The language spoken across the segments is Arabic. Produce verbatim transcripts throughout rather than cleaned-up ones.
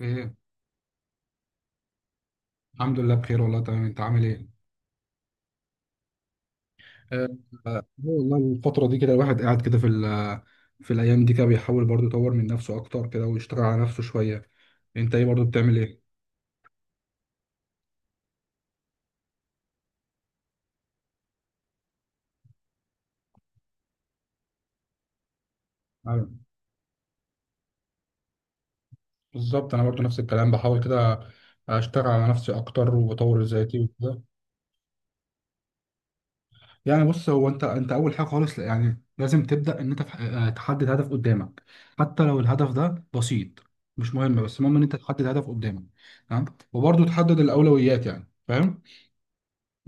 ايه؟ الحمد لله بخير والله تمام، انت عامل ايه؟ آه. آه، والله الفتره دي كده الواحد قاعد كده في ال- في الايام دي كده بيحاول برضو يطور من نفسه اكتر كده ويشتغل على نفسه شويه. انت ايه برضو، بتعمل ايه؟ أيوة. بالظبط انا برضو نفس الكلام، بحاول كده اشتغل على نفسي اكتر واطور ذاتي وكده. يعني بص، هو انت انت اول حاجه خالص، يعني لازم تبدا ان انت تح- آه، تحدد هدف قدامك. حتى لو الهدف ده بسيط، مش مهم، بس المهم ان انت تحدد هدف قدامك. تمام. وبرضو تحدد الاولويات، يعني فاهم،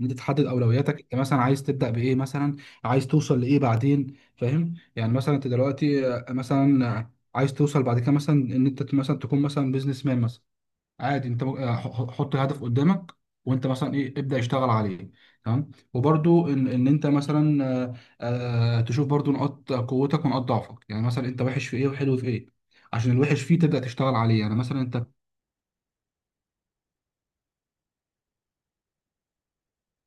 إن انت تحدد اولوياتك، انت مثلا عايز تبدا بايه مثلا، عايز توصل لايه بعدين، فاهم؟ يعني مثلا انت دلوقتي آه، مثلا آه، عايز توصل بعد كده مثلا ان انت مثلا تكون مثلا بيزنس مان مثلا. عادي، انت ممكن- آه، ح- حط هدف قدامك، وانت مثلا ايه، ابدا اشتغل عليه. تمام. وبرده ان ان انت مثلا آه، آه، تشوف برده نقاط قوتك ونقاط ضعفك، يعني مثلا انت وحش في ايه وحلو في ايه. عشان الوحش فيه تبدا تشتغل عليه، يعني مثلا انت،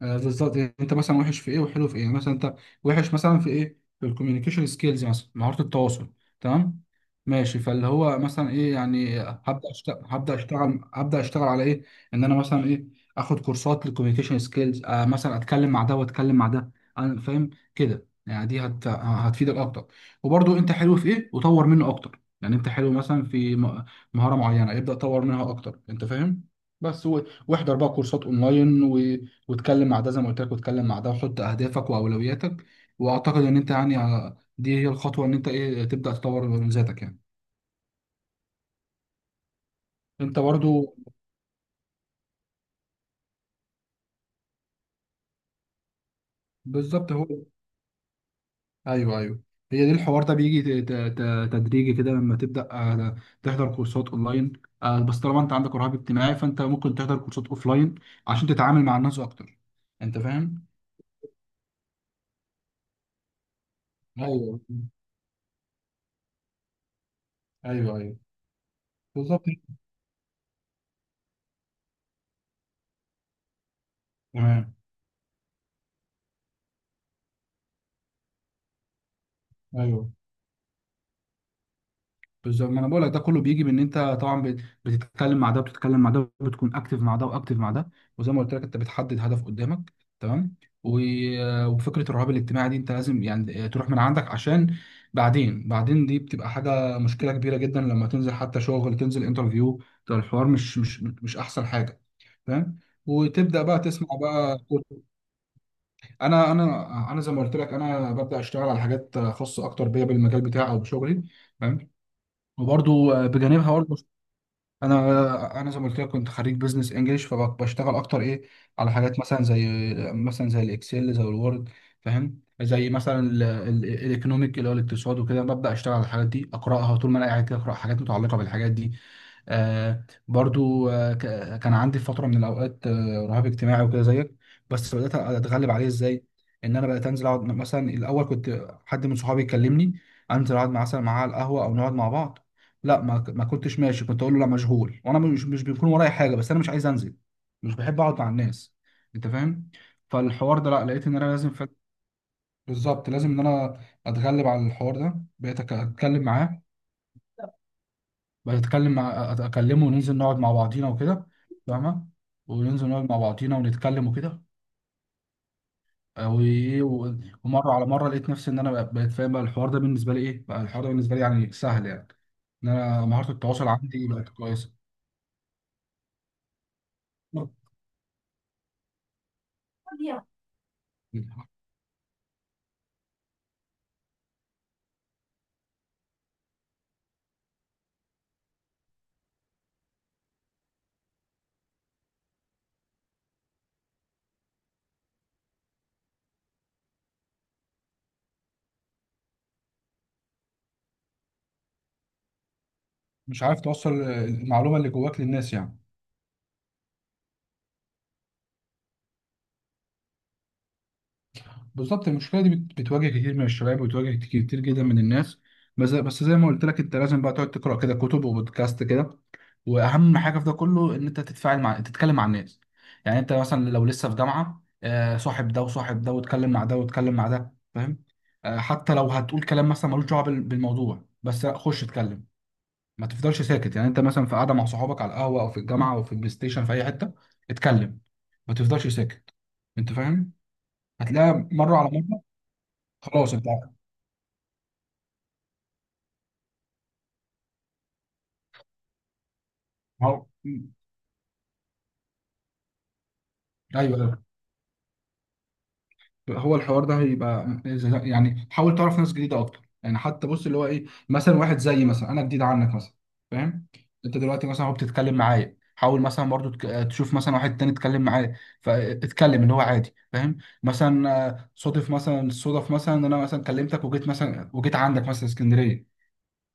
آه، بالظبط، يعني انت مثلا وحش في ايه وحلو في ايه، يعني مثلا انت وحش مثلا في ايه، في الكوميونيكيشن سكيلز، مثلا مهارة التواصل. تمام. ماشي، فاللي هو مثلا ايه، يعني هبدا اشتغل هبدا اشتغل هبدا اشتغل على ايه، ان انا مثلا ايه، اخد كورسات للكوميونيكيشن سكيلز. آه، مثلا اتكلم مع ده واتكلم مع ده، انا فاهم كده، يعني دي هت... هتفيدك اكتر. وبرضو انت حلو في ايه وطور منه اكتر، يعني انت حلو مثلا في م- مهارة معينة، ابدا طور منها اكتر، انت فاهم. بس و... واحضر بقى كورسات اونلاين، واتكلم مع ده زي ما قلت لك، واتكلم مع ده، وحط اهدافك واولوياتك. واعتقد ان انت يعني ه- دي هي الخطوه، ان انت ايه، تبدا تطور من ذاتك يعني. انت برضو. بالظبط. هو، ايوه ايوه، هي دي، الحوار ده بيجي ت- ت- ت- تدريجي كده، لما تبدا آه، تحضر كورسات اونلاين. آه، بس طالما انت عندك رهاب اجتماعي، فانت ممكن تحضر كورسات اوفلاين عشان تتعامل مع الناس اكتر. انت فاهم. ايوه. ايوه ايوه. بالظبط. تمام. ايوه، بالظبط، ما انا بقول لك ده كله بيجي، بان انت طبعا بت- بتتكلم مع ده وبتتكلم مع ده، بتكون اكتف مع ده واكتف مع ده، وزي ما قلت لك انت بتحدد هدف قدامك. تمام. و- آه، وفكره الرهاب الاجتماعي دي انت لازم يعني آه، تروح من عندك، عشان بعدين، بعدين دي بتبقى حاجه، مشكله كبيره جدا لما تنزل حتى شغل، تنزل انترفيو، ده الحوار مش مش مش احسن حاجه، فاهم. وتبدا بقى تسمع بقى. انا انا انا زي ما قلت لك، انا ببدا اشتغل على حاجات خاصه اكتر بيا، بالمجال بتاعي او بشغلي، فاهم. وبرضو آه، بجانبها برضو، انا انا زي ما قلت لك كنت خريج بزنس انجلش، فبشتغل اكتر ايه على حاجات مثلا زي مثلا زي الاكسل، زي الوورد، فاهم، زي مثلا ال- ال- الايكونوميك، اللي هو الاقتصاد وكده، ببدا اشتغل على الحاجات دي، اقراها طول ما انا قاعد كده، اقرا حاجات متعلقه بالحاجات دي. آه برضو، آه، ك- كان عندي فترة من الأوقات آه رهاب اجتماعي وكده زيك، بس بدأت أتغلب عليه إزاي؟ إن أنا بدأت أنزل أقعد. مثلا الأول كنت، حد من صحابي يكلمني أنزل أقعد مع- مثلا معاه على القهوة أو نقعد مع بعض، لا، ما ك- ما كنتش ماشي، كنت أقول له لا مشغول، وأنا مش مش بيكون ورايا حاجة، بس أنا مش عايز أنزل، مش بحب أقعد مع الناس، أنت فاهم؟ فالحوار ده، لا لقيت إن أنا لازم فعلا- بالظبط، لازم إن أنا أتغلب على الحوار ده. بقيت أك- أتكلم معاه، بتكلم مع اكلمه وننزل نقعد مع بعضينا وكده، فاهمه، وننزل نقعد مع بعضينا ونتكلم وكده. وايه و- ومره على مره لقيت نفسي ان انا بق- بقيت فاهم بقى الحوار ده بالنسبه لي، ايه بقى الحوار ده بالنسبه لي، يعني سهل، يعني ان انا مهاره التواصل عندي بقت كويسه. مش عارف توصل المعلومه اللي جواك للناس يعني. بالظبط، المشكله دي بت- بتواجه كتير من الشباب، وبتواجه كتير جدا من الناس. بس بس زي ما قلت لك، انت لازم بقى تقعد تقرا كده كتب، وبودكاست كده، واهم حاجه في ده كله ان انت تتفاعل مع، تتكلم مع الناس. يعني انت مثلا لو لسه في جامعه، آه، صاحب ده وصاحب ده، واتكلم مع ده واتكلم مع ده، فاهم. آه، حتى لو هتقول كلام مثلا ملوش دعوه بال- بالموضوع، بس لا، خش اتكلم، ما تفضلش ساكت. يعني انت مثلا في قاعده مع صحابك على القهوه، او في الجامعه، او في البلاي ستيشن، في اي حته، اتكلم، ما تفضلش ساكت، انت فاهم. هتلاقي مره على مره. خلاص، انت، هو. مم. ايوه ايوه. هو الحوار ده هيبقى زي- يعني حاول تعرف ناس جديده اكتر، يعني حتى بص، اللي هو ايه، مثلا واحد زيي مثلا، انا جديد عنك مثلا، فاهم. انت دلوقتي مثلا، هو بتتكلم معايا، حاول مثلا برضو تك- تشوف مثلا واحد تاني اتكلم معاه، فاتكلم، اللي هو عادي، فاهم. مثلا آه، صادف مثلا صدف مثلا ان انا مثلا كلمتك وجيت مثلا، وجيت عندك مثلا اسكندريه،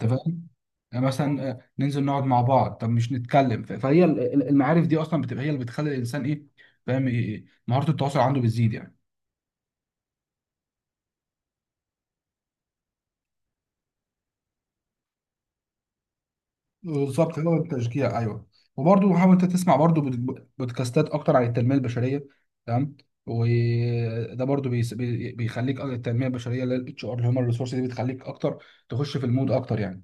انت فاهم. مثلا آه، ننزل نقعد مع بعض، طب مش نتكلم ف- فهي ال- ال- المعارف دي اصلا بتبقى هي اللي بتخلي الانسان ايه، فاهم، إيه- مهارة التواصل عنده بتزيد يعني. بالظبط، هو التشجيع، ايوه. وبرضه حاول انت تسمع برضه بود- بودكاستات اكتر عن التنميه البشريه. تمام. وده برضه بيس- بي- بيخليك، التنميه البشريه اللي هي الاتش ار اللي هم الريسورس دي، بتخليك اكتر تخش في المود اكتر يعني.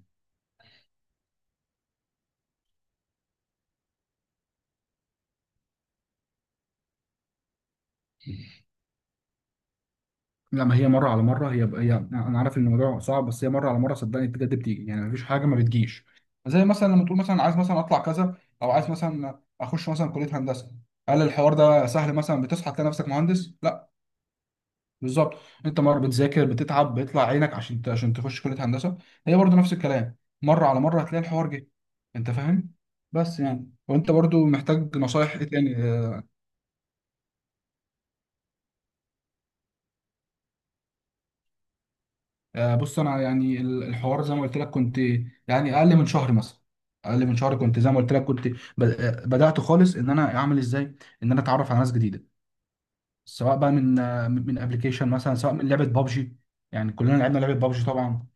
لا، ما هي مرة على مرة، هي هي أنا عارف إن الموضوع صعب، بس هي مرة على مرة صدقني بجد بتيجي، يعني مفيش حاجة ما بتجيش. زي مثلا لما تقول مثلا عايز مثلا أطلع كذا، أو عايز مثلا أخش مثلا كلية هندسة، هل الحوار ده سهل مثلا، بتصحى تلاقي نفسك مهندس؟ لا. بالظبط، أنت مرة بتذاكر، بتتعب، بيطلع عينك عشان ت- عشان تخش كلية هندسة. هي برضو نفس الكلام، مرة على مرة هتلاقي الحوار جه، أنت فاهم؟ بس يعني، وأنت برضو محتاج نصايح إيه تاني؟ آه، بص انا يعني ال- الحوار زي ما قلت لك كنت، يعني اقل من شهر مثلا. اقل من شهر، كنت زي ما قلت لك كنت ب- آه، بدات خالص ان انا اعمل ازاي ان انا اتعرف على ناس جديده، سواء بقى من آه، من ابلكيشن مثلا، سواء من لعبه بابجي، يعني كلنا لعبنا لعبه بابجي طبعا،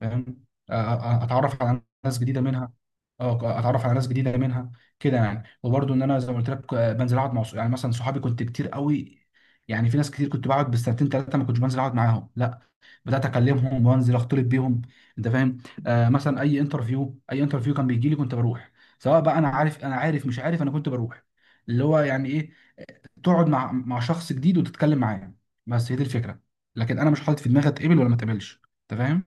فاهم. آه، آه، آه، اتعرف على ناس جديده منها، اه اتعرف على ناس جديده منها كده يعني. وبرده ان انا زي ما قلت لك، آه، بنزل اقعد مع ص- يعني مثلا صحابي كنت كتير قوي، يعني في ناس كتير كنت بقعد بالسنتين ثلاثه ما كنتش بنزل اقعد معاهم، لا بدات اكلمهم وانزل اختلط بيهم، انت فاهم. آه مثلا اي انترفيو، اي انترفيو كان بيجي لي كنت بروح، سواء بقى انا عارف، انا عارف مش عارف انا كنت بروح، اللي هو يعني ايه، تقعد مع مع شخص جديد وتتكلم معاه، بس هي دي الفكره. لكن انا مش حاطط في دماغي اتقبل ولا ما اتقبلش، انت فاهم.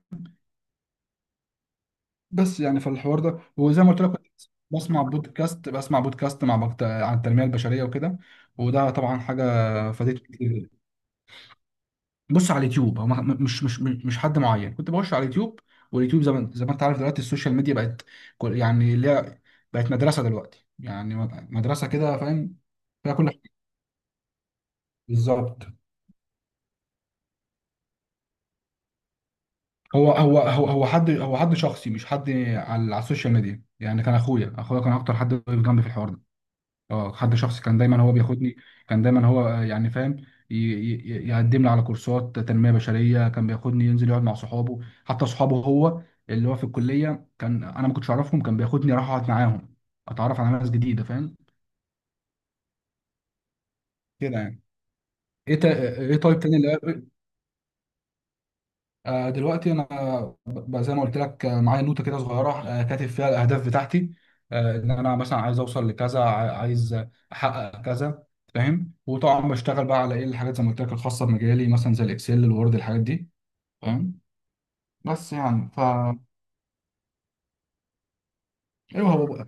بس يعني في الحوار ده، وزي ما قلت لك كنت بسمع بودكاست، بسمع بودكاست مع بكت... عن التنميه البشريه وكده، وده طبعا حاجه فادتني كتير. بص على اليوتيوب، هو ما- مش مش مش حد معين، كنت بخش على اليوتيوب، واليوتيوب زي ما زي ما انت عارف، دلوقتي السوشيال ميديا بقت كل- يعني ليها، بقت مدرسه دلوقتي، يعني م- مدرسه كده فاهم، فيها كل حاجه. بالظبط، هو هو هو هو حد هو حد شخصي، مش حد على على السوشيال ميديا، يعني كان اخويا، اخويا كان اكتر حد واقف جنبي في الحوار ده. اه، حد شخصي، كان دايما هو بياخدني، كان دايما هو آه، يعني فاهم، ي- ي- يقدم لي على كورسات تنمية بشرية، كان بياخدني ينزل يقعد مع صحابه، حتى صحابه هو اللي هو في الكلية كان انا ما كنتش اعرفهم، كان بياخدني اروح اقعد معاهم، اتعرف على ناس جديدة، فاهم، كده يعني. ايه تا... ايه طيب تاني اللي، آه، دلوقتي انا ب- ب- زي ما قلت لك، آه، معايا نوته كده صغيره، آه، كاتب فيها الاهداف بتاعتي، آه، ان انا مثلا عايز اوصل لكذا، ع- عايز احقق كذا، فاهم. وطبعا بشتغل بقى على ايه الحاجات زي ما قلت لك الخاصه بمجالي، مثلا زي الاكسل، الوورد، الحاجات دي، فاهم. بس يعني ف، ايوه، هو،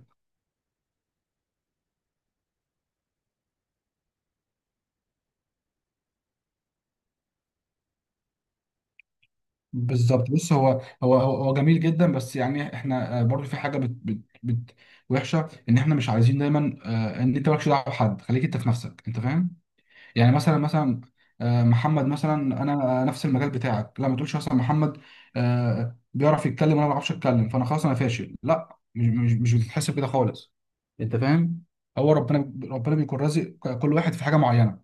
بالظبط. بص هو، هو هو هو جميل جدا، بس يعني احنا آه، برضو في حاجه بت بت بت وحشه، ان احنا مش عايزين دايما، آه، ان انت مالكش دعوه بحد، خليك انت في نفسك، انت فاهم. يعني مثلا مثلا آه، محمد مثلا، انا نفس المجال بتاعك، لا ما تقولش مثلا محمد آه، بيعرف يتكلم وانا ما بعرفش اتكلم، فانا خلاص انا فاشل، لا، مش مش مش بتتحسب كده خالص، انت فاهم. هو ربنا، ربنا بيكون رازق كل واحد في حاجه معينه،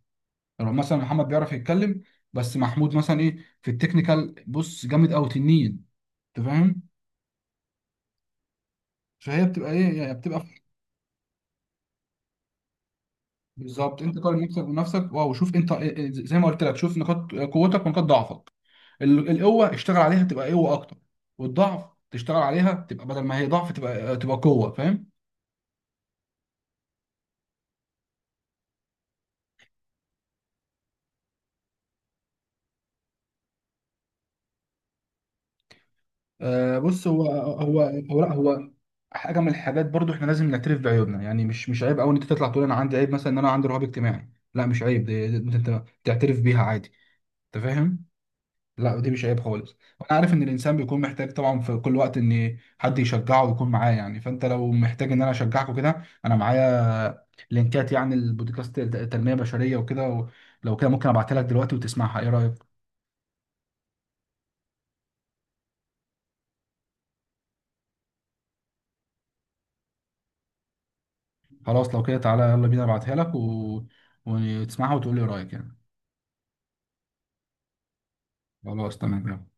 يعني مثلا محمد بيعرف يتكلم، بس محمود مثلا ايه، في التكنيكال بص جامد قوي تنين، انت فاهم، فهي بتبقى ايه يعني بتبقى، بالظبط، انت قارن نفسك بنفسك، واو شوف انت إيه- إيه- زي ما قلت لك شوف نقاط قوتك ونقاط ضعفك، ال- القوه اشتغل عليها تبقى قوه اكتر، والضعف تشتغل عليها تبقى بدل ما هي ضعف تبقى، تبقى قوه، فاهم. آه، بص هو، هو هو لا هو حاجه من الحاجات، برضو احنا لازم نعترف بعيوبنا، يعني مش مش عيب قوي ان انت تطلع تقول انا عندي عيب، مثلا ان انا عندي رهاب اجتماعي، لا مش عيب، دي, دي انت تعترف بيها عادي، انت فاهم. لا دي مش عيب خالص، وانا عارف ان الانسان بيكون محتاج طبعا في كل وقت ان حد يشجعه ويكون معاه يعني، فانت لو محتاج ان انا اشجعك وكده انا معايا لينكات، يعني البودكاست تنمية بشرية وكده و- لو كده ممكن ابعتها لك دلوقتي وتسمعها، ايه رأيك؟ خلاص لو كده تعالى يلا بينا، ابعتها لك و... وتسمعها وتقول لي رأيك يعني. خلاص تمام، يلا.